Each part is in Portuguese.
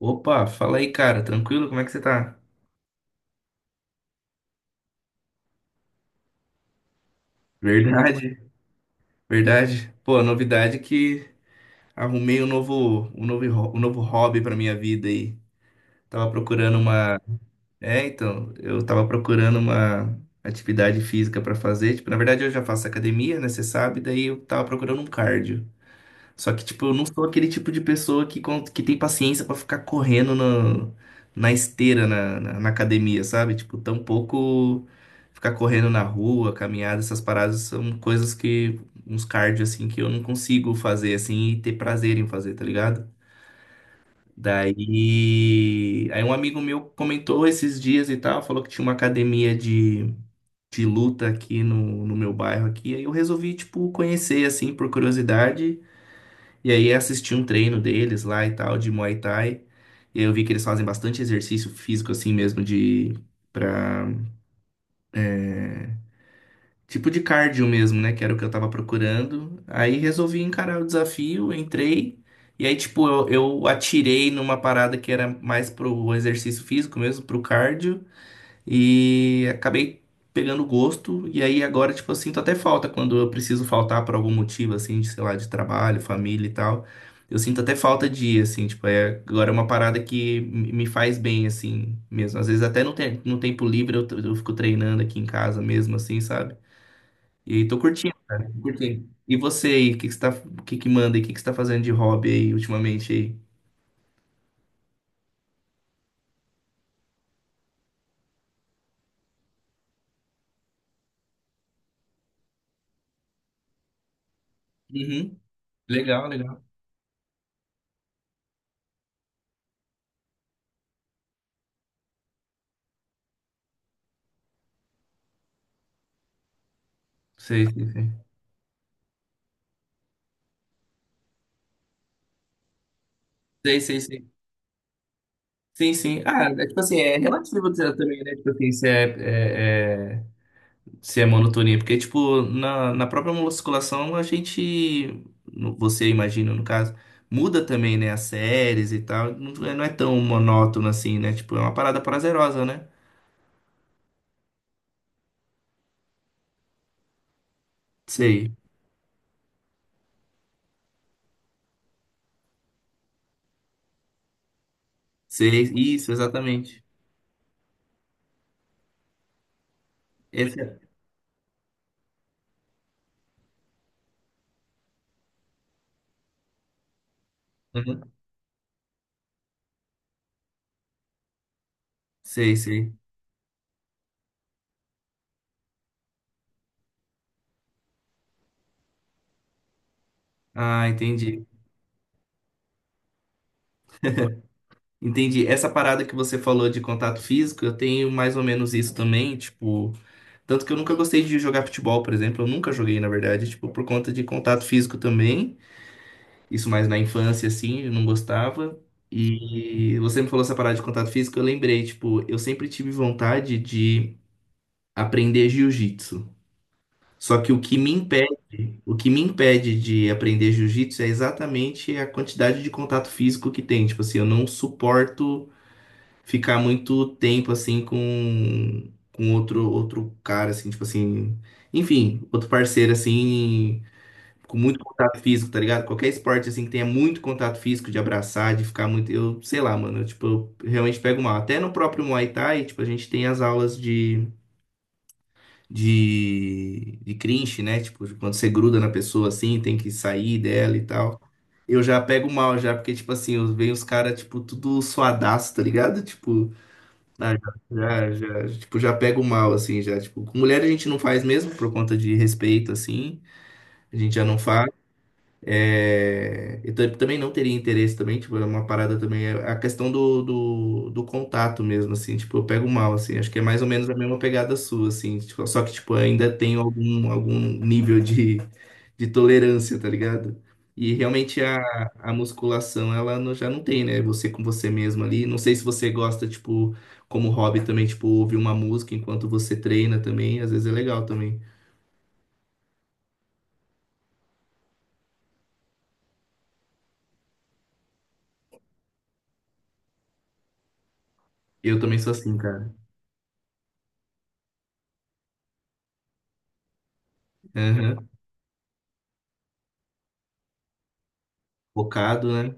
Opa, fala aí, cara. Tranquilo? Como é que você tá? Verdade, verdade. Pô, novidade que arrumei um novo hobby pra minha vida aí. Tava procurando uma. É, então, eu tava procurando uma atividade física pra fazer. Tipo, na verdade eu já faço academia, né? Você sabe, daí eu tava procurando um cardio. Só que, tipo, eu não sou aquele tipo de pessoa que tem paciência pra ficar correndo na, na, esteira, na academia, sabe? Tipo, tampouco ficar correndo na rua, caminhada, essas paradas são coisas que, uns cardio, assim, que eu não consigo fazer, assim, e ter prazer em fazer, tá ligado? Daí, aí um amigo meu comentou esses dias e tal, falou que tinha uma academia de, luta aqui no meu bairro aqui, aí eu resolvi, tipo, conhecer, assim, por curiosidade e aí assisti um treino deles lá e tal, de Muay Thai. E eu vi que eles fazem bastante exercício físico assim mesmo de para tipo de cardio mesmo, né, que era o que eu tava procurando. Aí resolvi encarar o desafio, entrei e aí tipo eu atirei numa parada que era mais pro exercício físico mesmo, pro cardio. E acabei pegando gosto. E aí agora, tipo assim, sinto até falta quando eu preciso faltar por algum motivo, assim, de, sei lá, de trabalho, família e tal. Eu sinto até falta de ir, assim, tipo, é, agora é uma parada que me faz bem, assim, mesmo. Às vezes até no tempo livre eu fico treinando aqui em casa mesmo, assim, sabe? E aí tô curtindo, cara, tô curtindo. E você aí, o que que você tá, o que que manda aí, o que que você tá fazendo de hobby aí ultimamente aí? Uhum. Legal, legal. Sei, sei, sei. Sei, sei, sei. Sim, sim. Ah, é, tipo assim, é relativo dizer também, né? Tipo assim, se é, é, é- se é, monotonia. Porque, tipo, na própria musculação, a gente, no- você imagina, no caso, muda também, né? As séries e tal. Não é tão monótono assim, né? Tipo, é uma parada prazerosa, né? Sei, sei. Isso, exatamente. Esse é- Uhum. Sei, sei. Ah, entendi. Entendi. Essa parada que você falou de contato físico, eu tenho mais ou menos isso também, tipo. Tanto que eu nunca gostei de jogar futebol, por exemplo. Eu nunca joguei, na verdade, tipo, por conta de contato físico também. Isso mais na infância, assim, eu não gostava. E você me falou essa parada de contato físico, eu lembrei, tipo, eu sempre tive vontade de aprender jiu-jitsu. Só que o que me impede, o que me impede de aprender jiu-jitsu é exatamente a quantidade de contato físico que tem. Tipo assim, eu não suporto ficar muito tempo assim com outro cara assim, tipo assim, enfim, outro parceiro assim, com muito contato físico, tá ligado? Qualquer esporte assim que tenha muito contato físico de abraçar, de ficar muito, eu sei lá, mano, eu, tipo, eu realmente pego mal. Até no próprio Muay Thai, tipo, a gente tem as aulas de de clinch, né? Tipo, de quando você gruda na pessoa assim, tem que sair dela e tal. Eu já pego mal já, porque, tipo assim, eu- vem os caras, tipo, tudo suadaço, tá ligado? Tipo, ah, já, tipo, já pego mal, assim, já, tipo, com mulher a gente não faz mesmo por conta de respeito, assim, a gente já não faz. É, eu também não teria interesse também, tipo, é uma parada também, é a questão do, do contato mesmo, assim, tipo, eu pego mal, assim, acho que é mais ou menos a mesma pegada sua, assim, tipo, só que, tipo, ainda tenho algum, nível de tolerância, tá ligado? E realmente a musculação, ela não- já não tem, né? Você com você mesmo ali, não sei se você gosta, tipo, como hobby também, tipo, ouvir uma música enquanto você treina também, às vezes é legal também. Eu também sou assim, cara. Aham. Focado, né?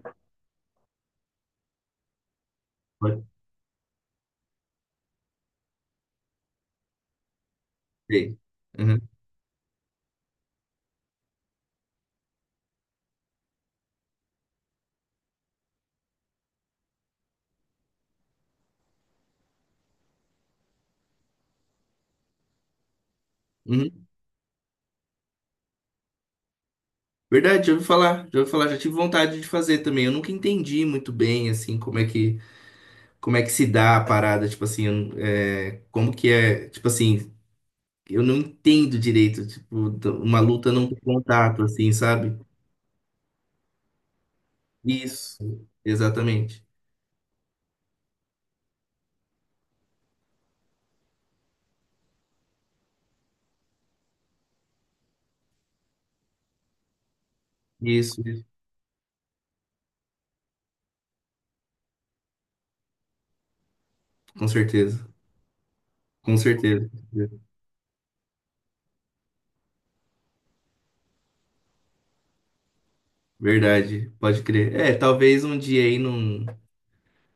Sei. Uhum, uhum. Verdade, já ouvi falar, já ouvi falar, já tive vontade de fazer também. Eu nunca entendi muito bem, assim, como é que se dá a parada, tipo assim, eu- é, como que é, tipo assim, eu não entendo direito, tipo, d- uma luta não tem contato, assim, sabe? Isso, exatamente. Isso, com certeza, com certeza. Verdade, pode crer. É, talvez um dia aí não.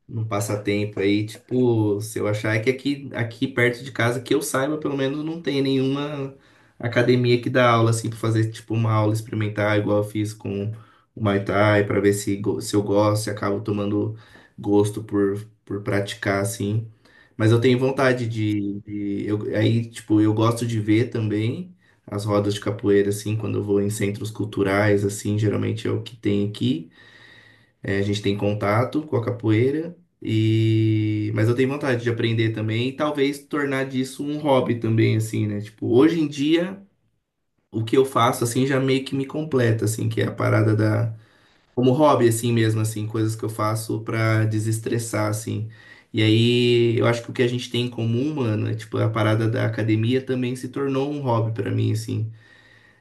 Num passatempo aí, tipo, se eu achar é que aqui, perto de casa, que eu saiba, pelo menos não tem nenhuma academia que dá aula, assim, pra fazer, tipo, uma aula experimentar, igual eu fiz com o Muay Thai, pra ver se eu gosto, se acabo tomando gosto por praticar, assim. Mas eu tenho vontade de eu, aí, tipo, eu gosto de ver também as rodas de capoeira, assim, quando eu vou em centros culturais, assim, geralmente é o que tem aqui. É, a gente tem contato com a capoeira e mas eu tenho vontade de aprender também e talvez tornar disso um hobby também assim, né? Tipo, hoje em dia o que eu faço assim já meio que me completa assim, que é a parada da como hobby assim mesmo assim, coisas que eu faço pra desestressar assim. E aí eu acho que o que a gente tem em comum, mano, é tipo a parada da academia também se tornou um hobby pra mim assim.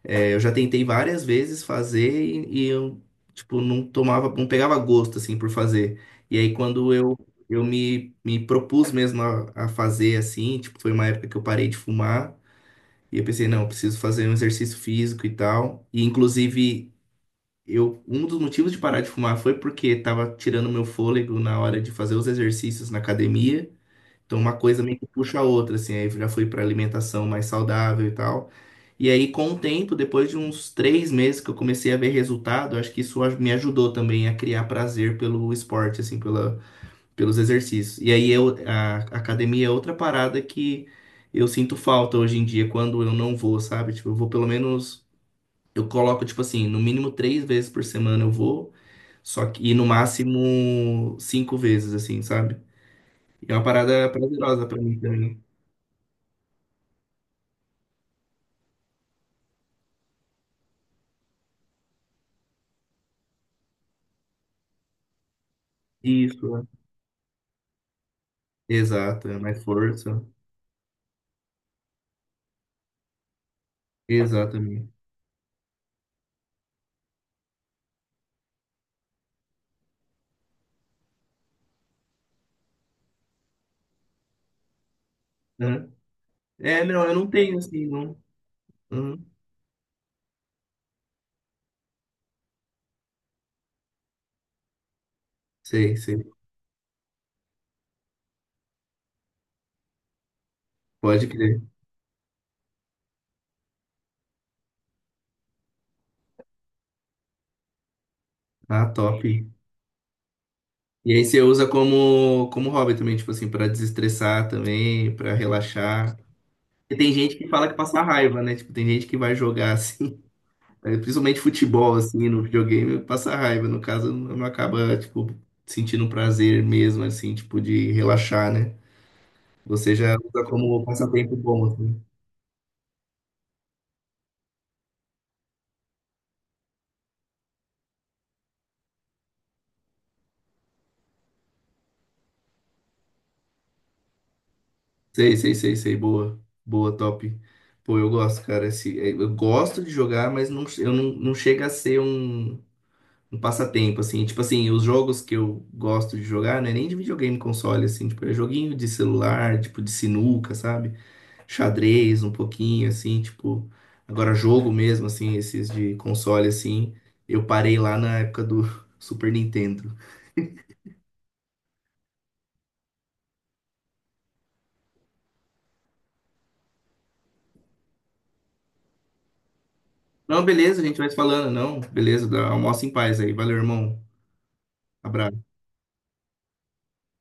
É, eu já tentei várias vezes fazer e eu, tipo, não tomava, não pegava gosto, assim, por fazer. E aí, quando eu me, propus mesmo a fazer, assim, tipo, foi uma época que eu parei de fumar e eu pensei, não, eu preciso fazer um exercício físico e tal. E, inclusive, eu, um dos motivos de parar de fumar foi porque tava tirando meu fôlego na hora de fazer os exercícios na academia. Então, uma coisa meio que puxa a outra, assim. Aí eu já fui para alimentação mais saudável e tal. E aí, com o tempo, depois de uns 3 meses que eu comecei a ver resultado, acho que isso aj- me ajudou também a criar prazer pelo esporte, assim, pela, pelos exercícios. E aí, eu, a academia é outra parada que eu sinto falta hoje em dia quando eu não vou, sabe? Tipo, eu vou pelo menos. Eu coloco, tipo assim, no mínimo 3 vezes por semana eu vou, só que, e no máximo 5 vezes, assim, sabe? E é uma parada prazerosa pra mim também. Isso, né? Exato, é mais força, exatamente. Aham. É, não, eu não tenho assim, não. Aham. Sei, sei, pode crer. Ah, top. E aí você usa como hobby também, tipo assim, pra desestressar também, pra relaxar. E tem gente que fala que passa raiva, né? Tipo, tem gente que vai jogar assim, eh, principalmente futebol assim, no videogame, passa raiva. No caso, não acaba tipo sentindo prazer mesmo assim, tipo de relaxar, né? Você já usa como passatempo bom, assim. Sei, sei, sei, sei. Boa. Boa, top. Pô, eu gosto, cara. Esse, é, eu gosto de jogar, mas não, eu não chega a ser um, passatempo, assim. Tipo assim, os jogos que eu gosto de jogar, não é nem de videogame console, assim. Tipo, é joguinho de celular, tipo, de sinuca, sabe? Xadrez, um pouquinho, assim, tipo... Agora, jogo mesmo, assim, esses de console, assim. Eu parei lá na época do Super Nintendo. Não, beleza, a gente vai se falando, não. Beleza, dá- almoça em paz aí. Valeu, irmão. Abraço.